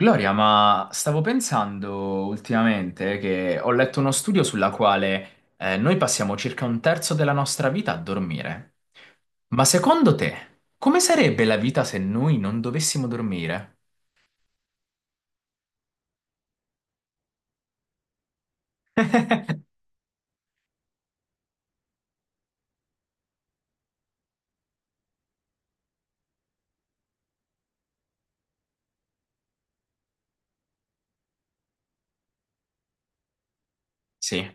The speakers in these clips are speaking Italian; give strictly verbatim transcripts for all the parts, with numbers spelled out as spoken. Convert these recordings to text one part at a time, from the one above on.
Gloria, ma stavo pensando ultimamente che ho letto uno studio sulla quale eh, noi passiamo circa un terzo della nostra vita a dormire. Ma secondo te, come sarebbe la vita se noi non dovessimo dormire? Sì.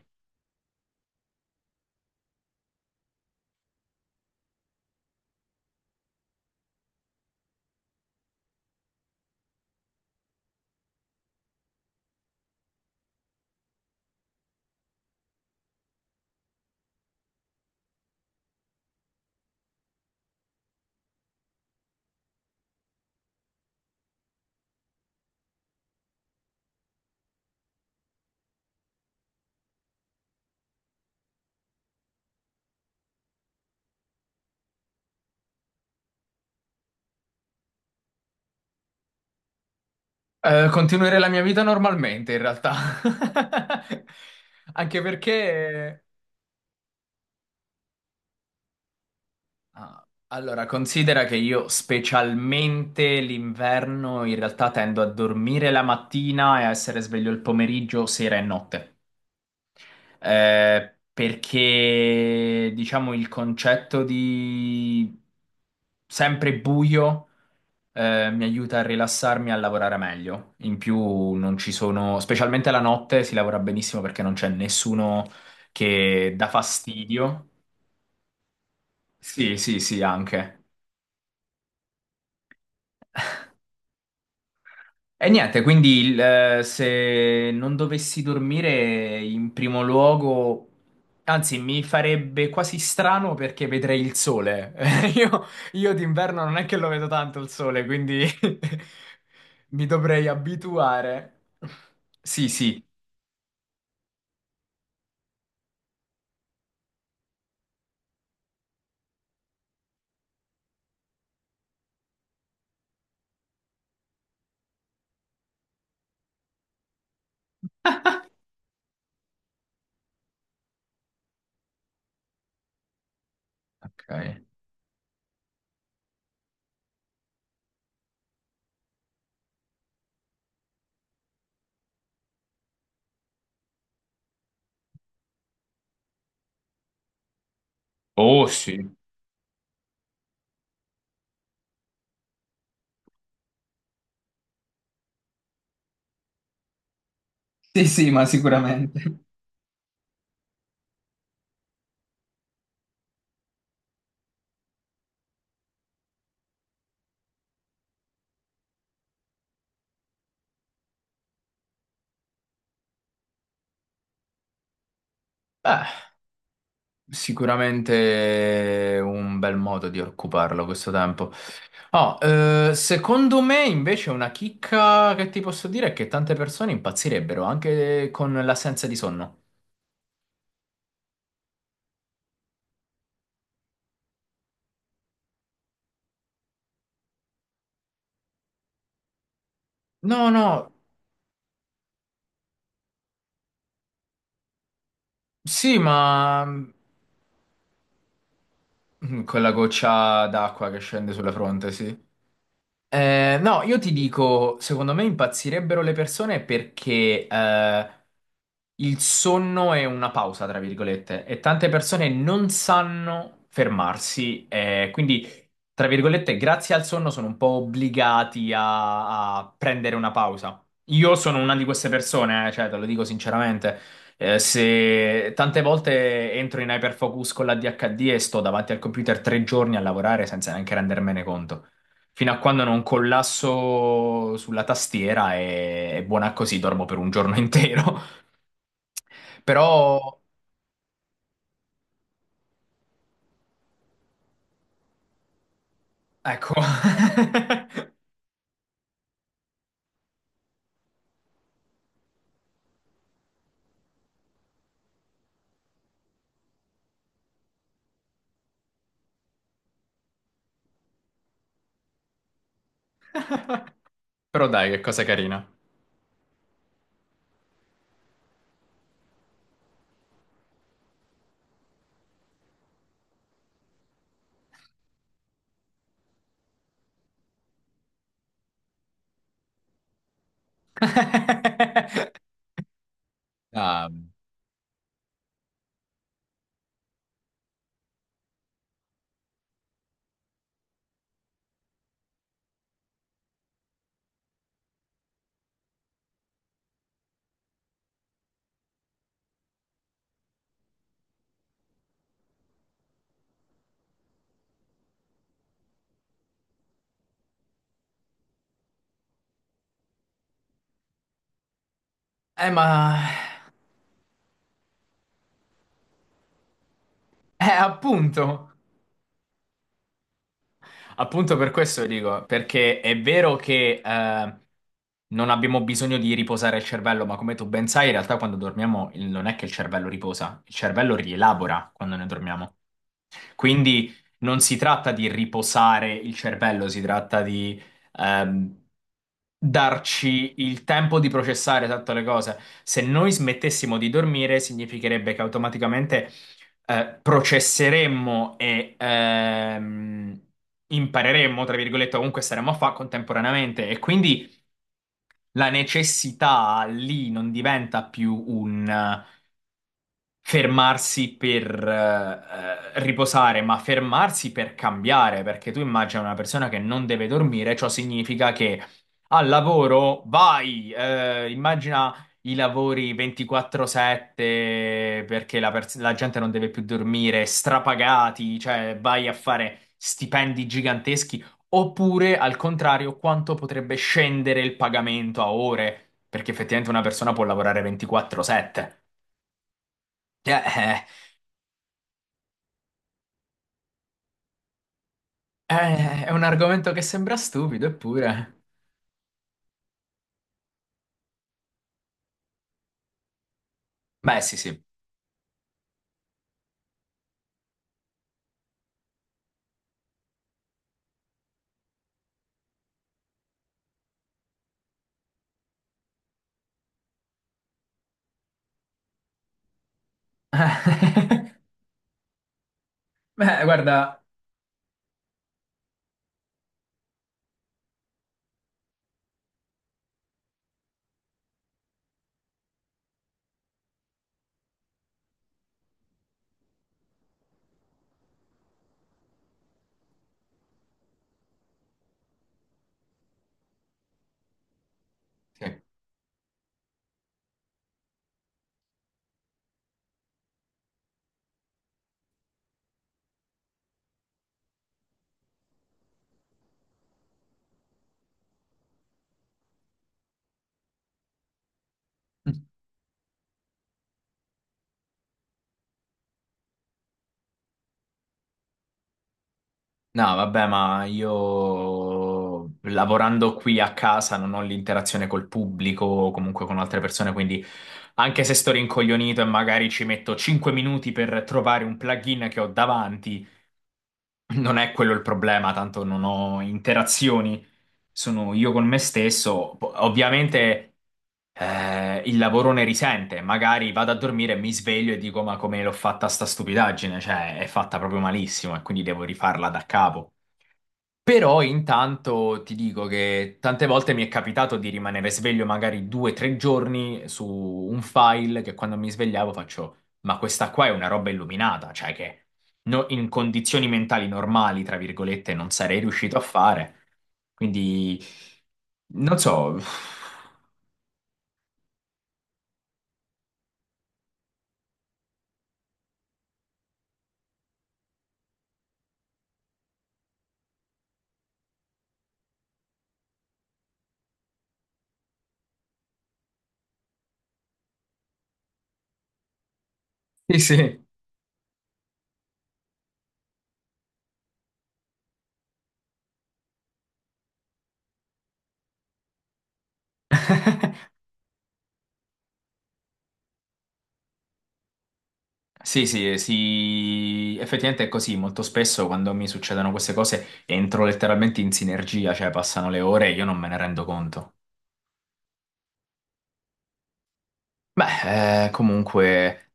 Eh, continuerei la mia vita normalmente, in realtà. Anche perché... Ah, allora, considera che io specialmente l'inverno in realtà tendo a dormire la mattina e a essere sveglio il pomeriggio, sera e notte. Eh, perché diciamo il concetto di sempre buio eh, mi aiuta a rilassarmi e a lavorare meglio. In più non ci sono, specialmente la notte si lavora benissimo perché non c'è nessuno che dà fastidio. Sì, sì, sì, anche. E niente, quindi il, eh, se non dovessi dormire in primo luogo, anzi mi farebbe quasi strano perché vedrei il sole. Io, io d'inverno non è che lo vedo tanto il sole, quindi mi dovrei abituare. Sì, sì. Ok. Oh sì. Sì, sì, ma sicuramente. Sicuramente un bel modo di occuparlo questo tempo. Oh, eh, secondo me invece una chicca che ti posso dire è che tante persone impazzirebbero anche con l'assenza di sonno. No, no, sì, ma mm, con la goccia d'acqua che scende sulla fronte, sì. Eh, no, io ti dico, secondo me impazzirebbero le persone perché eh, il sonno è una pausa, tra virgolette, e tante persone non sanno fermarsi, eh, quindi, tra virgolette, grazie al sonno sono un po' obbligati a, a prendere una pausa. Io sono una di queste persone, eh, cioè, te lo dico sinceramente. Eh, se tante volte entro in hyperfocus con l'A D H D e sto davanti al computer tre giorni a lavorare senza neanche rendermene conto. Fino a quando non collasso sulla tastiera è, è buona così, dormo per un giorno intero. Però, ecco. Però dai, che cosa carina. Ah, Eh, ma... Eh, appunto. Appunto per questo dico, perché è vero che eh, non abbiamo bisogno di riposare il cervello, ma come tu ben sai, in realtà quando dormiamo il- non è che il cervello riposa, il cervello rielabora quando ne dormiamo. Quindi non si tratta di riposare il cervello, si tratta di ehm, darci il tempo di processare tutte le cose. Se noi smettessimo di dormire, significherebbe che automaticamente eh, processeremmo e ehm, impareremmo, tra virgolette, comunque staremmo a fare contemporaneamente. E quindi la necessità lì non diventa più un fermarsi per eh, eh, riposare, ma fermarsi per cambiare, perché tu immagina una persona che non deve dormire, ciò significa che al lavoro vai, eh, immagina i lavori ventiquattro sette perché la, pers- la gente non deve più dormire, strapagati, cioè vai a fare stipendi giganteschi, oppure al contrario, quanto potrebbe scendere il pagamento a ore, perché effettivamente una persona può lavorare ventiquattro sette. Eh, eh. Eh, è un argomento che sembra stupido, eppure. Beh, sì, sì. Beh, guarda. Sì. No, vabbè, ma io lavorando qui a casa non ho l'interazione col pubblico o comunque con altre persone, quindi anche se sto rincoglionito e magari ci metto cinque minuti per trovare un plugin che ho davanti, non è quello il problema, tanto non ho interazioni, sono io con me stesso. Po- Ovviamente eh, il lavoro ne risente, magari vado a dormire e mi sveglio e dico: Ma come l'ho fatta sta stupidaggine? Cioè, è fatta proprio malissimo e quindi devo rifarla da capo. Però intanto ti dico che tante volte mi è capitato di rimanere sveglio magari due o tre giorni su un file che quando mi svegliavo faccio, ma questa qua è una roba illuminata, cioè che no- in condizioni mentali normali, tra virgolette, non sarei riuscito a fare. Quindi, non so. Sì, sì. Sì, sì, sì, effettivamente è così. Molto spesso quando mi succedono queste cose entro letteralmente in sinergia, cioè passano le ore e io non me ne rendo conto. Beh, eh, comunque,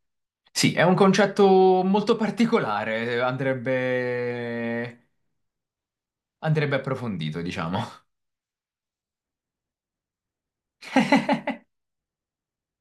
sì, è un concetto molto particolare, andrebbe, andrebbe approfondito, diciamo.